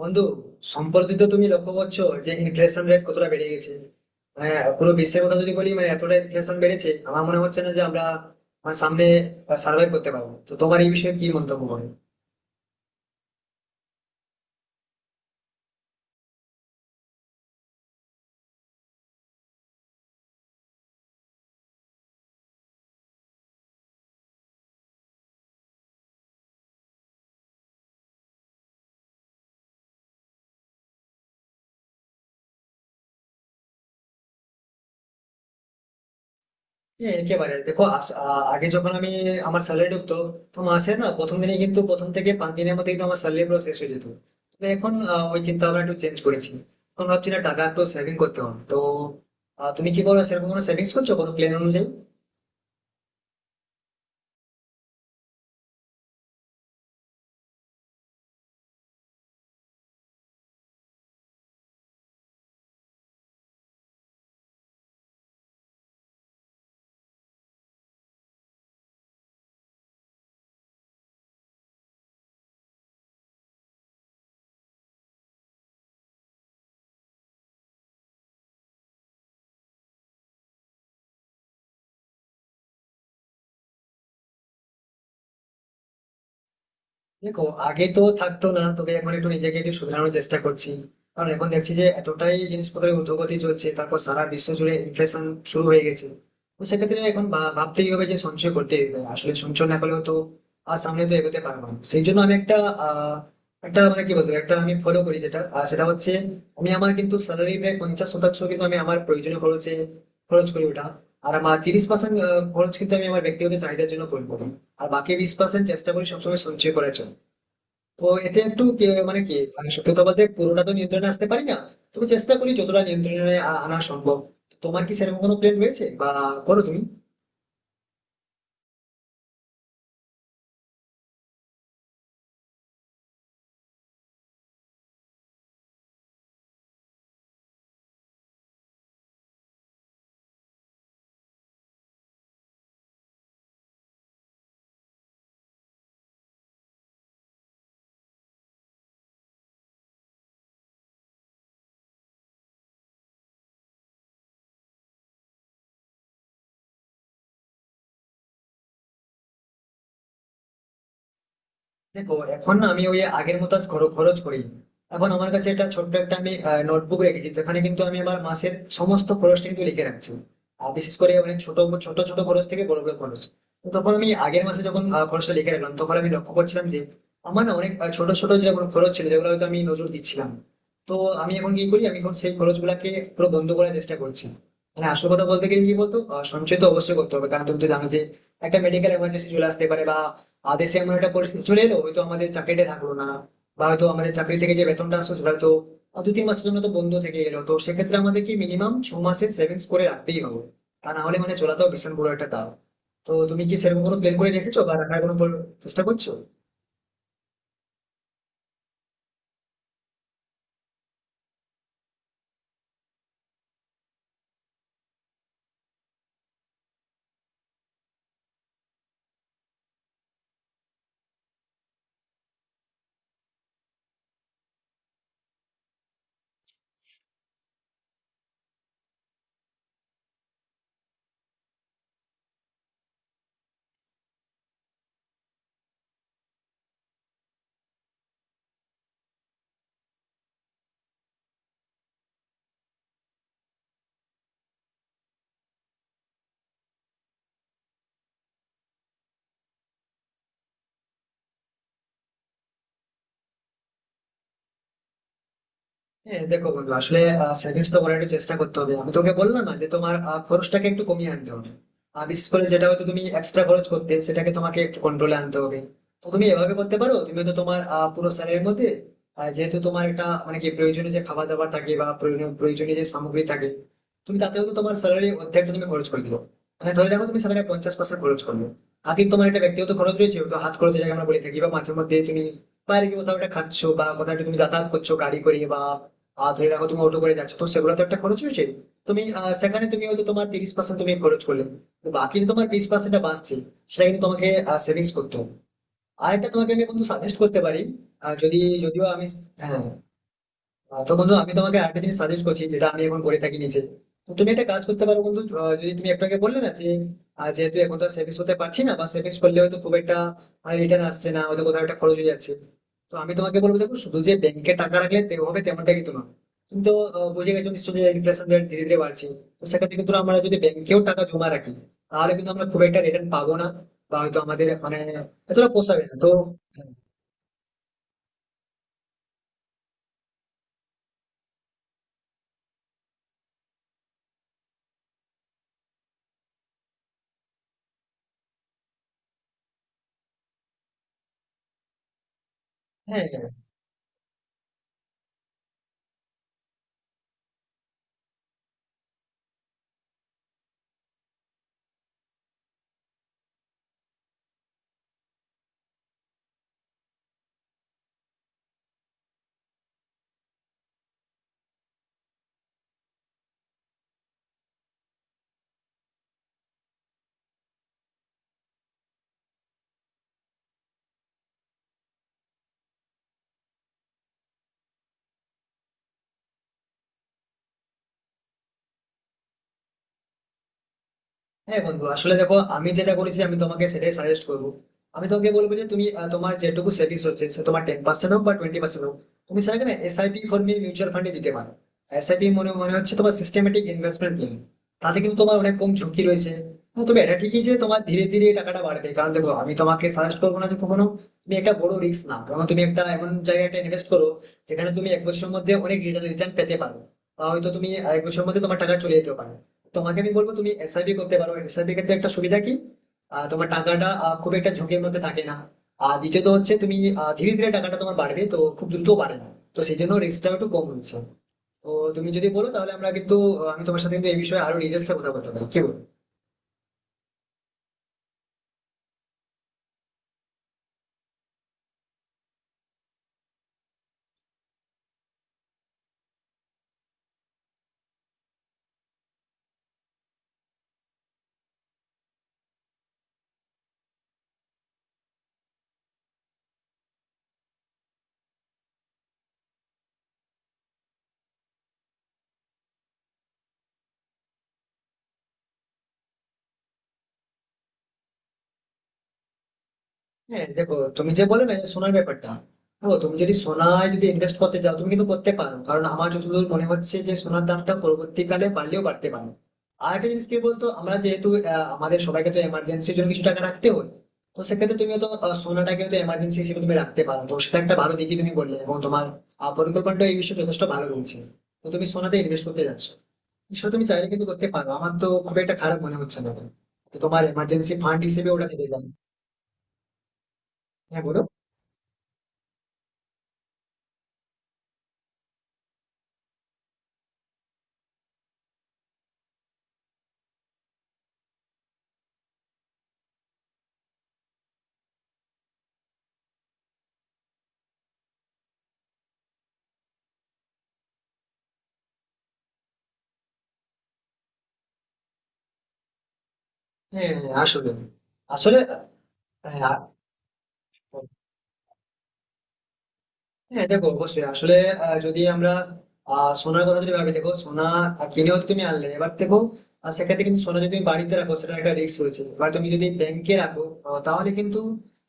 বন্ধু, সম্প্রতি তো তুমি লক্ষ্য করছো যে ইনফ্লেশন রেট কতটা বেড়ে গেছে। মানে পুরো বিশ্বের কথা যদি বলি, মানে এতটা ইনফ্লেশন বেড়েছে আমার মনে হচ্ছে না যে আমরা মানে সামনে সার্ভাইভ করতে পারবো। তো তোমার এই বিষয়ে কি মন্তব্য হবে? হ্যাঁ একেবারে। দেখো আগে যখন আমি আমার স্যালারি ঢুকতো, তো মাসে না প্রথম দিনে কিন্তু প্রথম থেকে 5 দিনের মধ্যে কিন্তু আমার স্যালারি পুরো শেষ হয়ে যেত। তবে এখন ওই চিন্তা ভাবনা একটু চেঞ্জ করেছি। এখন ভাবছি না টাকা একটু সেভিং করতে হবে। তো তুমি কি করো, সেরকম কোনো সেভিংস করছো কোনো প্ল্যান অনুযায়ী? দেখো আগে তো থাকতো না, তবে এখন একটু নিজেকে একটু শুধরানোর চেষ্টা করছি। কারণ এখন দেখছি যে এতটাই জিনিসপত্রের ঊর্ধ্বগতি চলছে, তারপর সারা বিশ্ব জুড়ে ইনফ্লেশন শুরু হয়ে গেছে। তো সেক্ষেত্রে এখন ভাবতেই হবে যে সঞ্চয় করতে হবে, আসলে সঞ্চয় না করলেও তো আর সামনে তো এগোতে পারবো না। সেই জন্য আমি একটা আহ একটা মানে কি বলবো, একটা আমি ফলো করি যেটা। আর সেটা হচ্ছে আমি আমার কিন্তু স্যালারি প্রায় 50 শতাংশ কিন্তু আমি আমার প্রয়োজনীয় খরচে খরচ করি ওটা। আর আমার 30% খরচ কিন্তু আমি আমার ব্যক্তিগত চাহিদার জন্য করবো। আর বাকি 20% চেষ্টা করি সবসময় সঞ্চয় করার জন্য। তো এতে একটু কি মানে কি মানে, সত্যি কথা বলতে পুরোটা তো নিয়ন্ত্রণে আসতে পারি না। তবে চেষ্টা করি যতটা নিয়ন্ত্রণে আনা সম্ভব। তোমার কি সেরকম কোনো প্ল্যান রয়েছে, বা করো তুমি? দেখো এখন না আমি ওই আগের মতো আর খরচ করি না। এখন আমার কাছে একটা ছোট্ট একটা আমি নোটবুক রেখেছি যেখানে কিন্তু আমি আমার মাসের সমস্ত খরচটা কিন্তু লিখে রাখছি। আর বিশেষ করে অনেক ছোট ছোট ছোট খরচ থেকে বড় বড় খরচ। তো তখন আমি আগের মাসে যখন খরচটা লিখে রাখলাম তখন আমি লক্ষ্য করছিলাম যে আমার না অনেক ছোট ছোট যেগুলো খরচ ছিল যেগুলো হয়তো আমি নজর দিচ্ছিলাম। তো আমি এখন কি করি, আমি এখন সেই খরচ গুলাকে পুরো বন্ধ করার চেষ্টা করছি। মানে আসল কথা বলতে গেলে কি বলতো, সঞ্চয় তো অবশ্যই করতে হবে কারণ তুমি তো জানো যে একটা মেডিকেল এমার্জেন্সি চলে আসতে পারে, বা দেশে এমন একটা পরিস্থিতি চলে এলো হয়তো আমাদের চাকরিটা থাকলো না, বা হয়তো আমাদের চাকরি থেকে যে বেতনটা আসলো সেটা হয়তো 2-3 মাসের জন্য তো বন্ধ থেকে এলো। তো সেক্ষেত্রে আমাদের কি মিনিমাম 6 মাসের সেভিংস করে রাখতেই হবে, তা না হলে মানে চলাতেও ভীষণ বড় একটা দাও। তো তুমি কি সেরকম কোনো প্ল্যান করে রেখেছো বা রাখার কোনো চেষ্টা করছো? হ্যাঁ দেখো বন্ধু, আসলে সেভিংস তো করার একটু চেষ্টা করতে হবে। আমি তোকে বললাম না যে তোমার খরচটাকে একটু কমিয়ে আনতে হবে। আর বিশেষ করে যেটা হয়তো তুমি এক্সট্রা খরচ করতে সেটাকে তোমাকে একটু কন্ট্রোলে আনতে হবে। তো তুমি এভাবে করতে পারো, তুমি তো তোমার পুরো স্যালারির মধ্যে যেহেতু তোমার একটা মানে কি প্রয়োজনীয় যে খাবার দাবার থাকে বা প্রয়োজনীয় প্রয়োজনীয় যে সামগ্রী থাকে, তুমি তাতেও তো তোমার স্যালারি অর্ধেকটা তুমি খরচ করে দিও। মানে ধরে রাখো তুমি স্যালারি 50% খরচ করবে। আর কিন্তু তোমার একটা ব্যক্তিগত খরচ রয়েছে, ওটা হাত খরচ যাকে আমরা বলে থাকি, বা মাঝে মধ্যে তুমি বাইরে গিয়ে কোথাও একটা খাচ্ছো বা কোথাও একটা তুমি যাতায়াত করছো গাড়ি করে বা ধরে রাখো তুমি অটো করে যাচ্ছ, তো সেগুলো তো একটা খরচ হয়েছে। তুমি সেখানে তুমি হয়তো তোমার 30% তুমি খরচ করলে। তো বাকি যে তোমার 20% বাঁচছে সেটা কিন্তু তোমাকে সেভিংস করতে হবে। আর একটা তোমাকে আমি বন্ধু সাজেস্ট করতে পারি। যদি যদিও আমি, হ্যাঁ। তো বন্ধু আমি তোমাকে আরেকটা জিনিস সাজেস্ট করছি যেটা আমি এখন করে থাকি নিজে। তো তুমি একটা কাজ করতে পারো বন্ধু। যদি তুমি একটু আগে বললে না যে যেহেতু এখন তো সেভিংস করতে পারছি না বা সেভিংস করলে হয়তো খুব একটা রিটার্ন আসছে না, হয়তো কোথাও একটা খরচ হয়ে যাচ্ছে। তো আমি তোমাকে বলবো, দেখো শুধু যে ব্যাংকে টাকা রাখলে হবে তেমনটা কিন্তু না। তুমি তো বুঝে গেছো নিশ্চয়ই যে ইনফ্লেশন রেট ধীরে ধীরে বাড়ছে। তো সেক্ষেত্রে কিন্তু আমরা যদি ব্যাংকেও টাকা জমা রাখি, তাহলে কিন্তু আমরা খুব একটা রিটার্ন পাবো না, বা হয়তো আমাদের মানে এতটা পোষাবে না তো। হ্যাঁ হ্যাঁ। হ্যাঁ বন্ধু আসলে দেখো, আমি যেটা করেছি আমি তোমাকে সেটাই সাজেস্ট করবো। আমি তোমাকে বলবো যে তুমি তোমার যেটুকু সেভিংস হচ্ছে, সে তোমার 10% হোক বা 20% হোক, তুমি সেটাকে না এসআইপি ফর্মে মিউচুয়াল ফান্ডে দিতে পারো। এসআইপি মনে মনে হচ্ছে তোমার সিস্টেমেটিক ইনভেস্টমেন্ট প্ল্যান। তাতে কিন্তু তোমার অনেক কম ঝুঁকি রয়েছে। হ্যাঁ, তবে এটা ঠিকই যে তোমার ধীরে ধীরে এই টাকাটা বাড়বে। কারণ দেখো আমি তোমাকে সাজেস্ট করবো না যে কখনো তুমি একটা বড় রিস্ক নাও, কারণ তুমি একটা এমন জায়গায় একটা ইনভেস্ট করো যেখানে তুমি 1 বছরের মধ্যে অনেক রিটার্ন পেতে পারো, বা হয়তো তুমি 1 বছরের মধ্যে তোমার টাকা চলে যেতে পারে। তোমাকে আমি বলবো তুমি এসআইপি করতে পারো। এসআইপি ক্ষেত্রে একটা সুবিধা কি, তোমার টাকাটা খুব একটা ঝুঁকির মধ্যে থাকে না। আর দ্বিতীয়ত হচ্ছে তুমি ধীরে ধীরে টাকাটা তোমার বাড়বে তো, খুব দ্রুত বাড়ে না। তো সেই জন্য রিস্কটাও একটু কম রয়েছে। তো তুমি যদি বলো তাহলে আমরা কিন্তু আমি তোমার সাথে কিন্তু এই বিষয়ে আরো ডিটেলসে কথা বলতে পারি, কি বলো? হ্যাঁ দেখো তুমি যে বলে না যে সোনার ব্যাপারটা, দেখো তুমি যদি সোনায় যদি ইনভেস্ট করতে চাও তুমি কিন্তু করতে পারো, কারণ আমার যতদূর মনে হচ্ছে যে সোনার দামটা পরবর্তীকালে বাড়লেও বাড়তে পারে। আর একটা জিনিস কি বলতো, আমরা যেহেতু আমাদের সবাইকে তো এমার্জেন্সির জন্য কিছু টাকা রাখতে হয়। তো সেক্ষেত্রে তুমি তো সোনাটাকে তো এমার্জেন্সি হিসেবে তুমি রাখতে পারো, তো সেটা একটা ভালো দিকই তুমি বললে, এবং তোমার পরিকল্পনাটা এই বিষয়ে যথেষ্ট ভালো রয়েছে। তো তুমি সোনাতে ইনভেস্ট করতে যাচ্ছ, সেটা তুমি চাইলে কিন্তু করতে পারো, আমার তো খুব একটা খারাপ মনে হচ্ছে না। তো তোমার এমার্জেন্সি ফান্ড হিসেবে ওটা থেকে যাবে। হ্যাঁ বলো। হ্যাঁ হ্যাঁ, আসলে। আসলে হ্যাঁ হ্যাঁ, দেখো অবশ্যই আসলে যদি আমরা সোনার কথা যদি ভাবি, দেখো সোনা কিনেও তো তুমি আনলে। এবার দেখো সেক্ষেত্রে কিন্তু সোনা যদি তুমি বাড়িতে রাখো সেটা একটা রিস্ক রয়েছে। এবার তুমি যদি ব্যাংকে রাখো তাহলে কিন্তু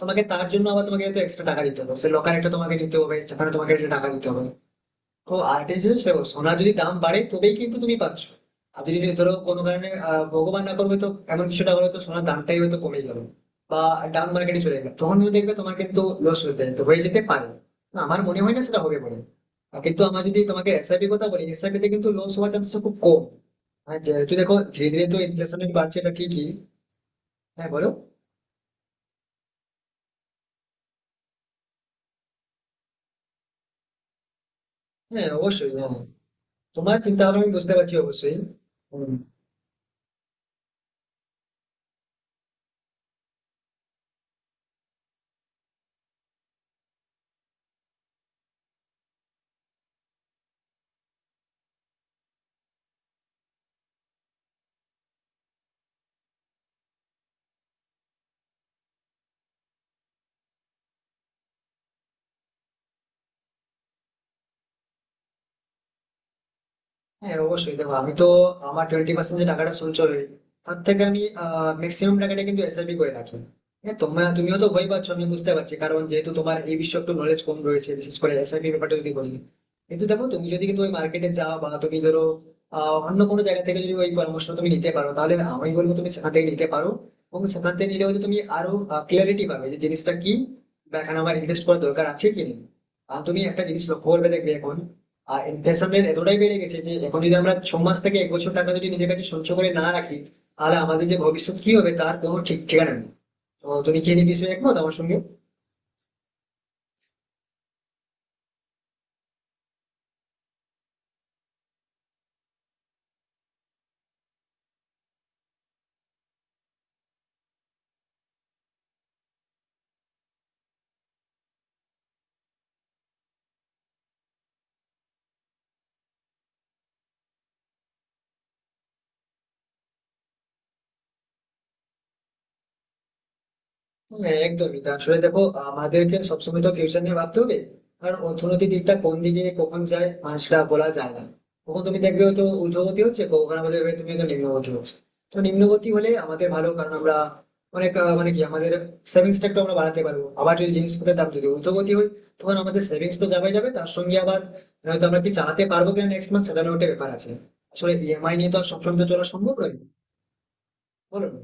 তোমাকে তার জন্য আবার তোমাকে এক্সট্রা টাকা দিতে হবে, সে লকার একটা তোমাকে নিতে হবে, সেখানে তোমাকে একটা টাকা দিতে হবে। তো আর্টিফিশিয়াল সোনার যদি দাম বাড়ে তবেই কিন্তু তুমি পাচ্ছ। আর যদি যদি ধরো কোনো কারণে, ভগবান না করবে তো, এমন কিছুটা হলো, তো সোনার দামটাই হয়তো কমে গেল বা ডাউন মার্কেটে চলে গেল, তখন কিন্তু দেখবে তোমার কিন্তু লস হতে তো হয়ে যেতে পারে। না, আমার মনে হয় না সেটা হবে বলে। কিন্তু আমার যদি তোমাকে এসআইপি কথা বলি, এসআইপি তে কিন্তু লস হওয়ার চান্সটা খুব কম। হ্যাঁ, যেহেতু দেখো ধীরে ধীরে তো ইনফ্লেশন রেট বাড়ছে, এটা ঠিকই। হ্যাঁ বলো। হ্যাঁ অবশ্যই হ্যাঁ। তোমার চিন্তা ভাবনা আমি বুঝতে পারছি অবশ্যই। হম। হ্যাঁ অবশ্যই দেখো, আমি তো আমার 20% যে টাকাটা সঞ্চয় হয় তার থেকে আমি ম্যাক্সিমাম টাকাটা কিন্তু এসআইপি করে রাখি। হ্যাঁ তুমিও তো ভয় পাচ্ছ আমি বুঝতে পারছি, কারণ যেহেতু তোমার এই বিষয়ে একটু নলেজ কম রয়েছে, বিশেষ করে এসআইপি ব্যাপারটা যদি বলি। কিন্তু দেখো তুমি যদি কিন্তু ওই মার্কেটে যাও বা তুমি ধরো অন্য কোনো জায়গা থেকে যদি ওই পরামর্শ তুমি নিতে পারো, তাহলে আমি বলবো তুমি সেখান থেকে নিতে পারো। এবং সেখান থেকে নিলে হয়তো তুমি আরো ক্লিয়ারিটি পাবে যে জিনিসটা কি, বা এখানে আমার ইনভেস্ট করার দরকার আছে কি নেই। আর তুমি একটা জিনিস লক্ষ্য করবে, দেখবে এখন আর ইনফ্লেশনের এতটাই বেড়ে গেছে যে এখন যদি আমরা 6 মাস থেকে 1 বছর টাকা যদি নিজের কাছে সঞ্চয় করে না রাখি, তাহলে আমাদের যে ভবিষ্যৎ কি হবে তার কোনো ঠিক ঠিকানা নেই। তো তুমি কি এই বিষয়ে একমত আমার সঙ্গে? হ্যাঁ একদমই তা। আসলে দেখো আমাদেরকে সবসময় তো ফিউচার নিয়ে ভাবতে হবে, কারণ অর্থনৈতিক দিকটা কোন দিকে কখন যায় মানুষটা বলা যায় না। কখন তুমি দেখবে হয়তো ঊর্ধ্বগতি হচ্ছে, কখন আমাদের দেখবে তুমি হয়তো নিম্নগতি হচ্ছে। তো নিম্নগতি হলে আমাদের ভালো, কারণ আমরা অনেক মানে কি আমাদের সেভিংস টা একটু আমরা বাড়াতে পারবো। আবার যদি জিনিসপত্রের দাম যদি ঊর্ধ্বগতি হয়, তখন আমাদের সেভিংস তো যাবে যাবে, তার সঙ্গে আবার হয়তো আমরা কি চালাতে পারবো কিনা নেক্সট মান্থ সেটারও একটা ব্যাপার আছে। আসলে ইএমআই নিয়ে তো আর সবসময় তো চলা সম্ভব নয়, বলো না?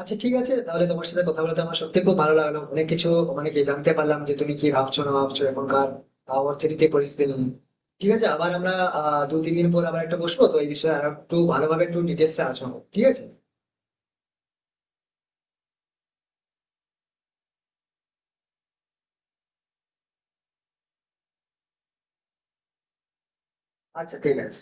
আচ্ছা ঠিক আছে, তাহলে তোমার সাথে কথা বলতে আমার সত্যি খুব ভালো লাগলো। অনেক কিছু মানে কি জানতে পারলাম, যে তুমি কি ভাবছো না ভাবছো এখনকার অর্থনীতি পরিস্থিতি নিয়ে। ঠিক আছে, আবার আমরা 2-3 দিন পর আবার একটা বসবো তো এই বিষয়ে, আর একটু ভালোভাবে একটু ডিটেলসে আলোচনা করবো। ঠিক আছে? আচ্ছা ঠিক আছে।